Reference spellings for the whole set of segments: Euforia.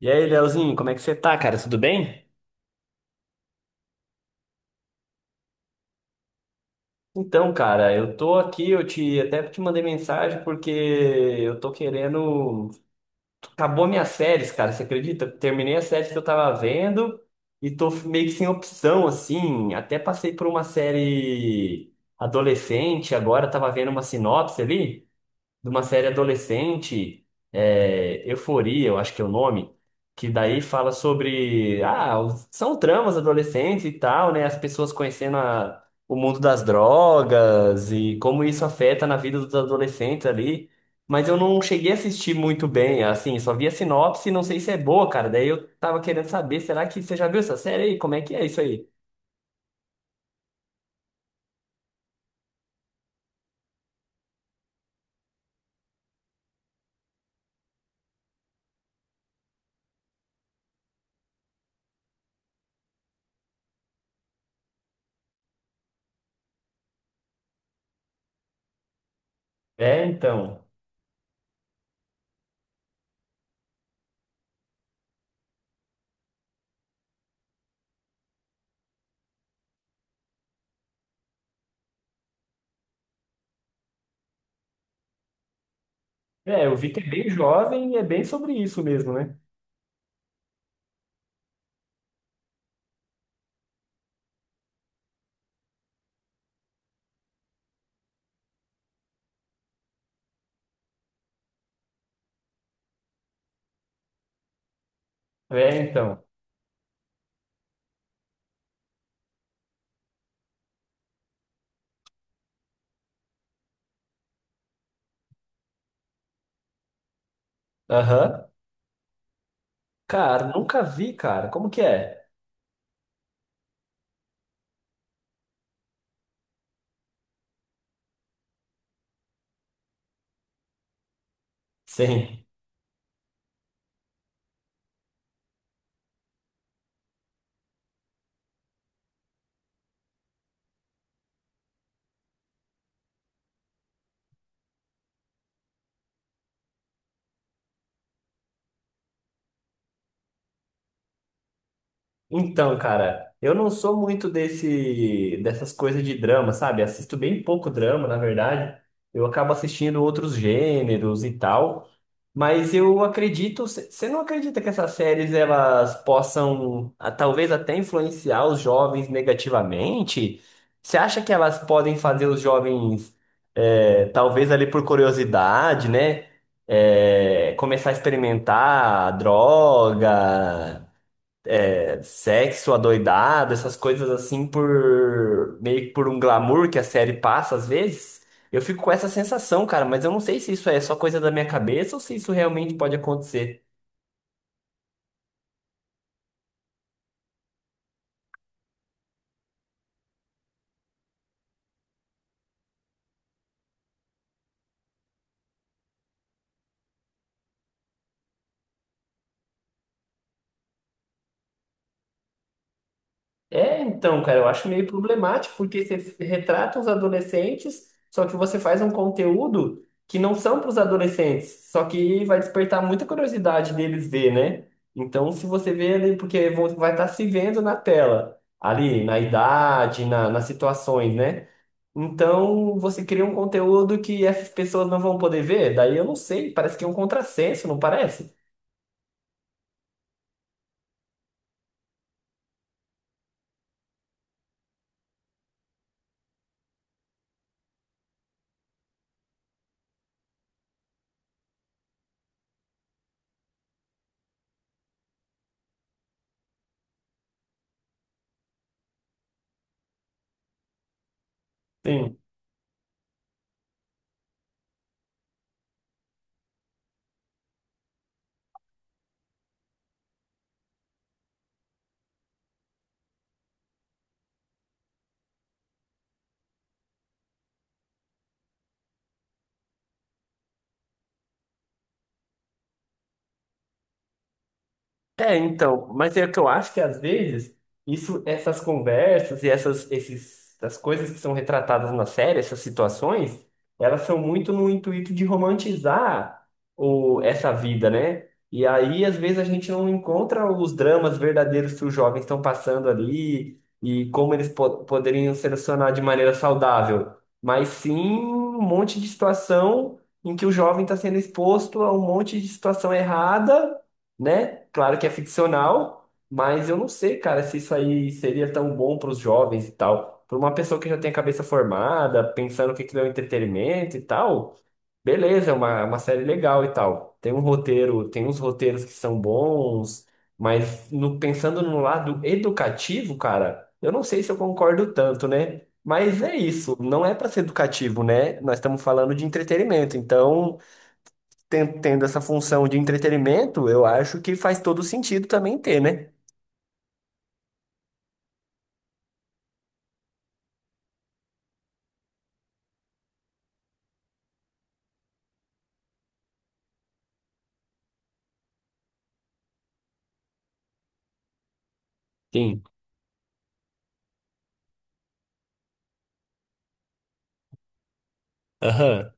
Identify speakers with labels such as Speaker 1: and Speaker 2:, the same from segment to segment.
Speaker 1: E aí, Leozinho, como é que você tá, cara? Tudo bem? Então, cara, eu tô aqui, eu te até te mandei mensagem porque eu tô querendo. Acabou minhas séries, cara, você acredita? Terminei as séries que eu tava vendo e tô meio que sem opção, assim. Até passei por uma série adolescente, agora eu tava vendo uma sinopse ali. De uma série adolescente, é, Euforia, eu acho que é o nome, que daí fala sobre, ah, são tramas adolescentes e tal, né? As pessoas conhecendo o mundo das drogas e como isso afeta na vida dos adolescentes ali. Mas eu não cheguei a assistir muito bem, assim, só vi a sinopse, não sei se é boa, cara. Daí eu tava querendo saber, será que você já viu essa série aí? Como é que é isso aí? É, então. É, eu vi que é bem jovem e é bem sobre isso mesmo, né? É, então. Aham. Cara, nunca vi, cara. Como que é? Sim. Então, cara, eu não sou muito desse dessas coisas de drama, sabe? Assisto bem pouco drama, na verdade. Eu acabo assistindo outros gêneros e tal. Mas eu acredito, você não acredita que essas séries elas possam ah, talvez até influenciar os jovens negativamente? Você acha que elas podem fazer os jovens, talvez ali por curiosidade, né? Começar a experimentar droga, sexo adoidado, essas coisas assim por meio que por um glamour que a série passa às vezes. Eu fico com essa sensação, cara, mas eu não sei se isso é só coisa da minha cabeça ou se isso realmente pode acontecer. É, então, cara, eu acho meio problemático porque você retrata os adolescentes, só que você faz um conteúdo que não são para os adolescentes, só que vai despertar muita curiosidade deles ver, né? Então, se você vê ali, porque vai estar se vendo na tela, ali, na idade, nas situações, né? Então, você cria um conteúdo que essas pessoas não vão poder ver, daí eu não sei, parece que é um contrassenso, não parece? É, então, mas é que eu acho que às vezes isso, essas conversas e essas coisas que são retratadas na série, essas situações, elas são muito no intuito de romantizar essa vida, né? E aí, às vezes, a gente não encontra os dramas verdadeiros que os jovens estão passando ali e como eles po poderiam se relacionar de maneira saudável, mas sim um monte de situação em que o jovem está sendo exposto a um monte de situação errada, né? Claro que é ficcional, mas eu não sei, cara, se isso aí seria tão bom para os jovens e tal. Para uma pessoa que já tem a cabeça formada, pensando o que que é o entretenimento e tal, beleza, é uma série legal e tal. Tem um roteiro, tem uns roteiros que são bons, mas pensando no lado educativo, cara, eu não sei se eu concordo tanto, né? Mas é isso, não é para ser educativo, né? Nós estamos falando de entretenimento, então tendo essa função de entretenimento, eu acho que faz todo sentido também ter, né? Sim. Aham.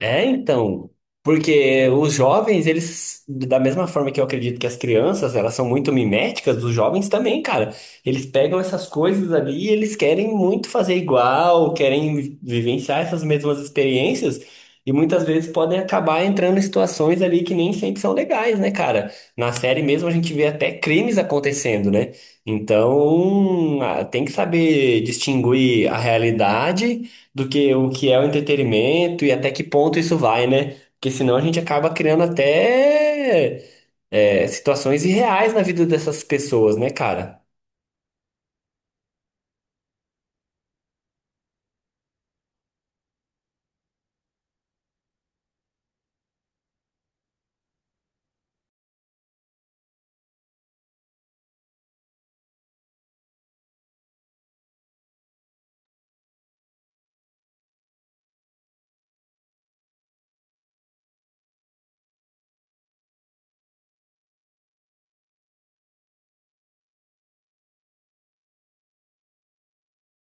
Speaker 1: É, então, porque os jovens, eles, da mesma forma que eu acredito que as crianças, elas são muito miméticas, os jovens também, cara. Eles pegam essas coisas ali e eles querem muito fazer igual, querem vivenciar essas mesmas experiências e muitas vezes podem acabar entrando em situações ali que nem sempre são legais, né, cara? Na série mesmo a gente vê até crimes acontecendo, né? Então, tem que saber distinguir a realidade do que o que é o entretenimento e até que ponto isso vai, né? Porque senão a gente acaba criando até situações irreais na vida dessas pessoas, né, cara?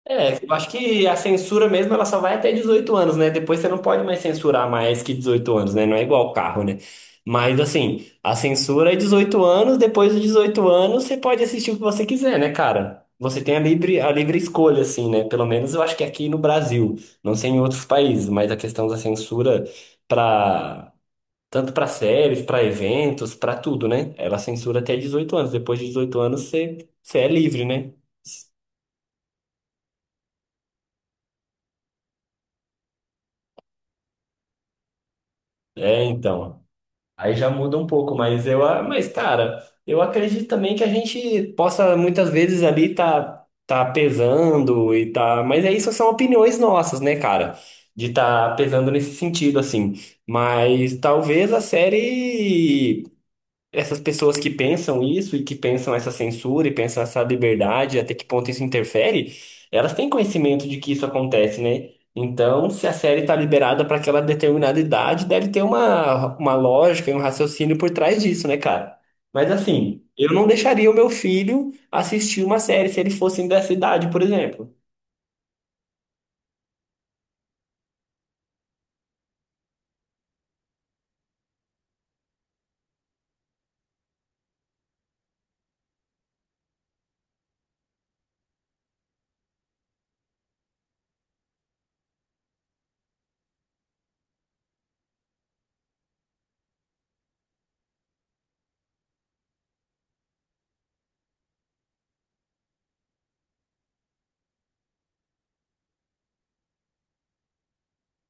Speaker 1: É, eu acho que a censura mesmo ela só vai até 18 anos, né? Depois você não pode mais censurar mais que 18 anos, né? Não é igual carro, né? Mas assim, a censura é 18 anos, depois dos 18 anos você pode assistir o que você quiser, né, cara? Você tem a livre escolha, assim, né? Pelo menos eu acho que aqui no Brasil, não sei em outros países, mas a questão da censura para tanto para séries, para eventos, para tudo, né? Ela censura até 18 anos. Depois de 18 anos você é livre, né? É, então. Aí já muda um pouco, mas mas cara, eu acredito também que a gente possa muitas vezes ali tá pesando e tá, mas é isso são opiniões nossas, né, cara? De tá pesando nesse sentido assim. Mas talvez a série essas pessoas que pensam isso e que pensam essa censura e pensam essa liberdade, até que ponto isso interfere, elas têm conhecimento de que isso acontece, né? Então, se a série está liberada para aquela determinada idade, deve ter uma lógica e um raciocínio por trás disso, né, cara? Mas assim, eu não deixaria o meu filho assistir uma série se ele fosse dessa idade, por exemplo.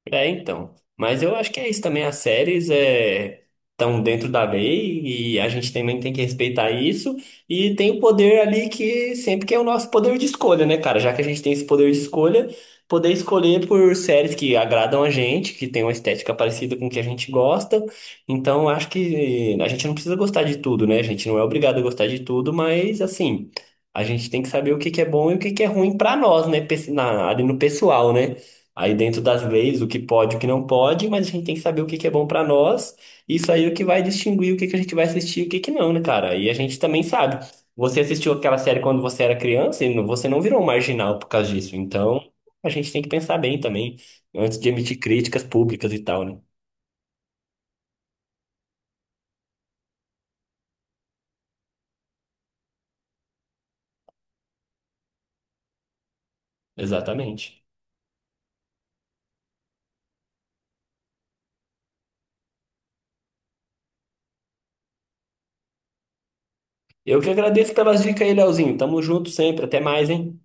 Speaker 1: É, então. Mas eu acho que é isso também. As séries é, estão dentro da lei e a gente também tem que respeitar isso. E tem o poder ali que sempre que é o nosso poder de escolha, né, cara? Já que a gente tem esse poder de escolha, poder escolher por séries que agradam a gente, que tem uma estética parecida com o que a gente gosta. Então, eu acho que a gente não precisa gostar de tudo, né? A gente não é obrigado a gostar de tudo, mas assim, a gente tem que saber o que que é bom e o que que é ruim pra nós, né? Ali no pessoal, né? Aí dentro das leis, o que pode, o que não pode, mas a gente tem que saber o que que é bom pra nós. Isso aí é o que vai distinguir o que que a gente vai assistir e o que que não, né, cara? E a gente também sabe. Você assistiu aquela série quando você era criança e você não virou um marginal por causa disso. Então, a gente tem que pensar bem também antes de emitir críticas públicas e tal, né? Exatamente. Eu que agradeço pelas dicas aí, Leozinho. Tamo junto sempre. Até mais, hein?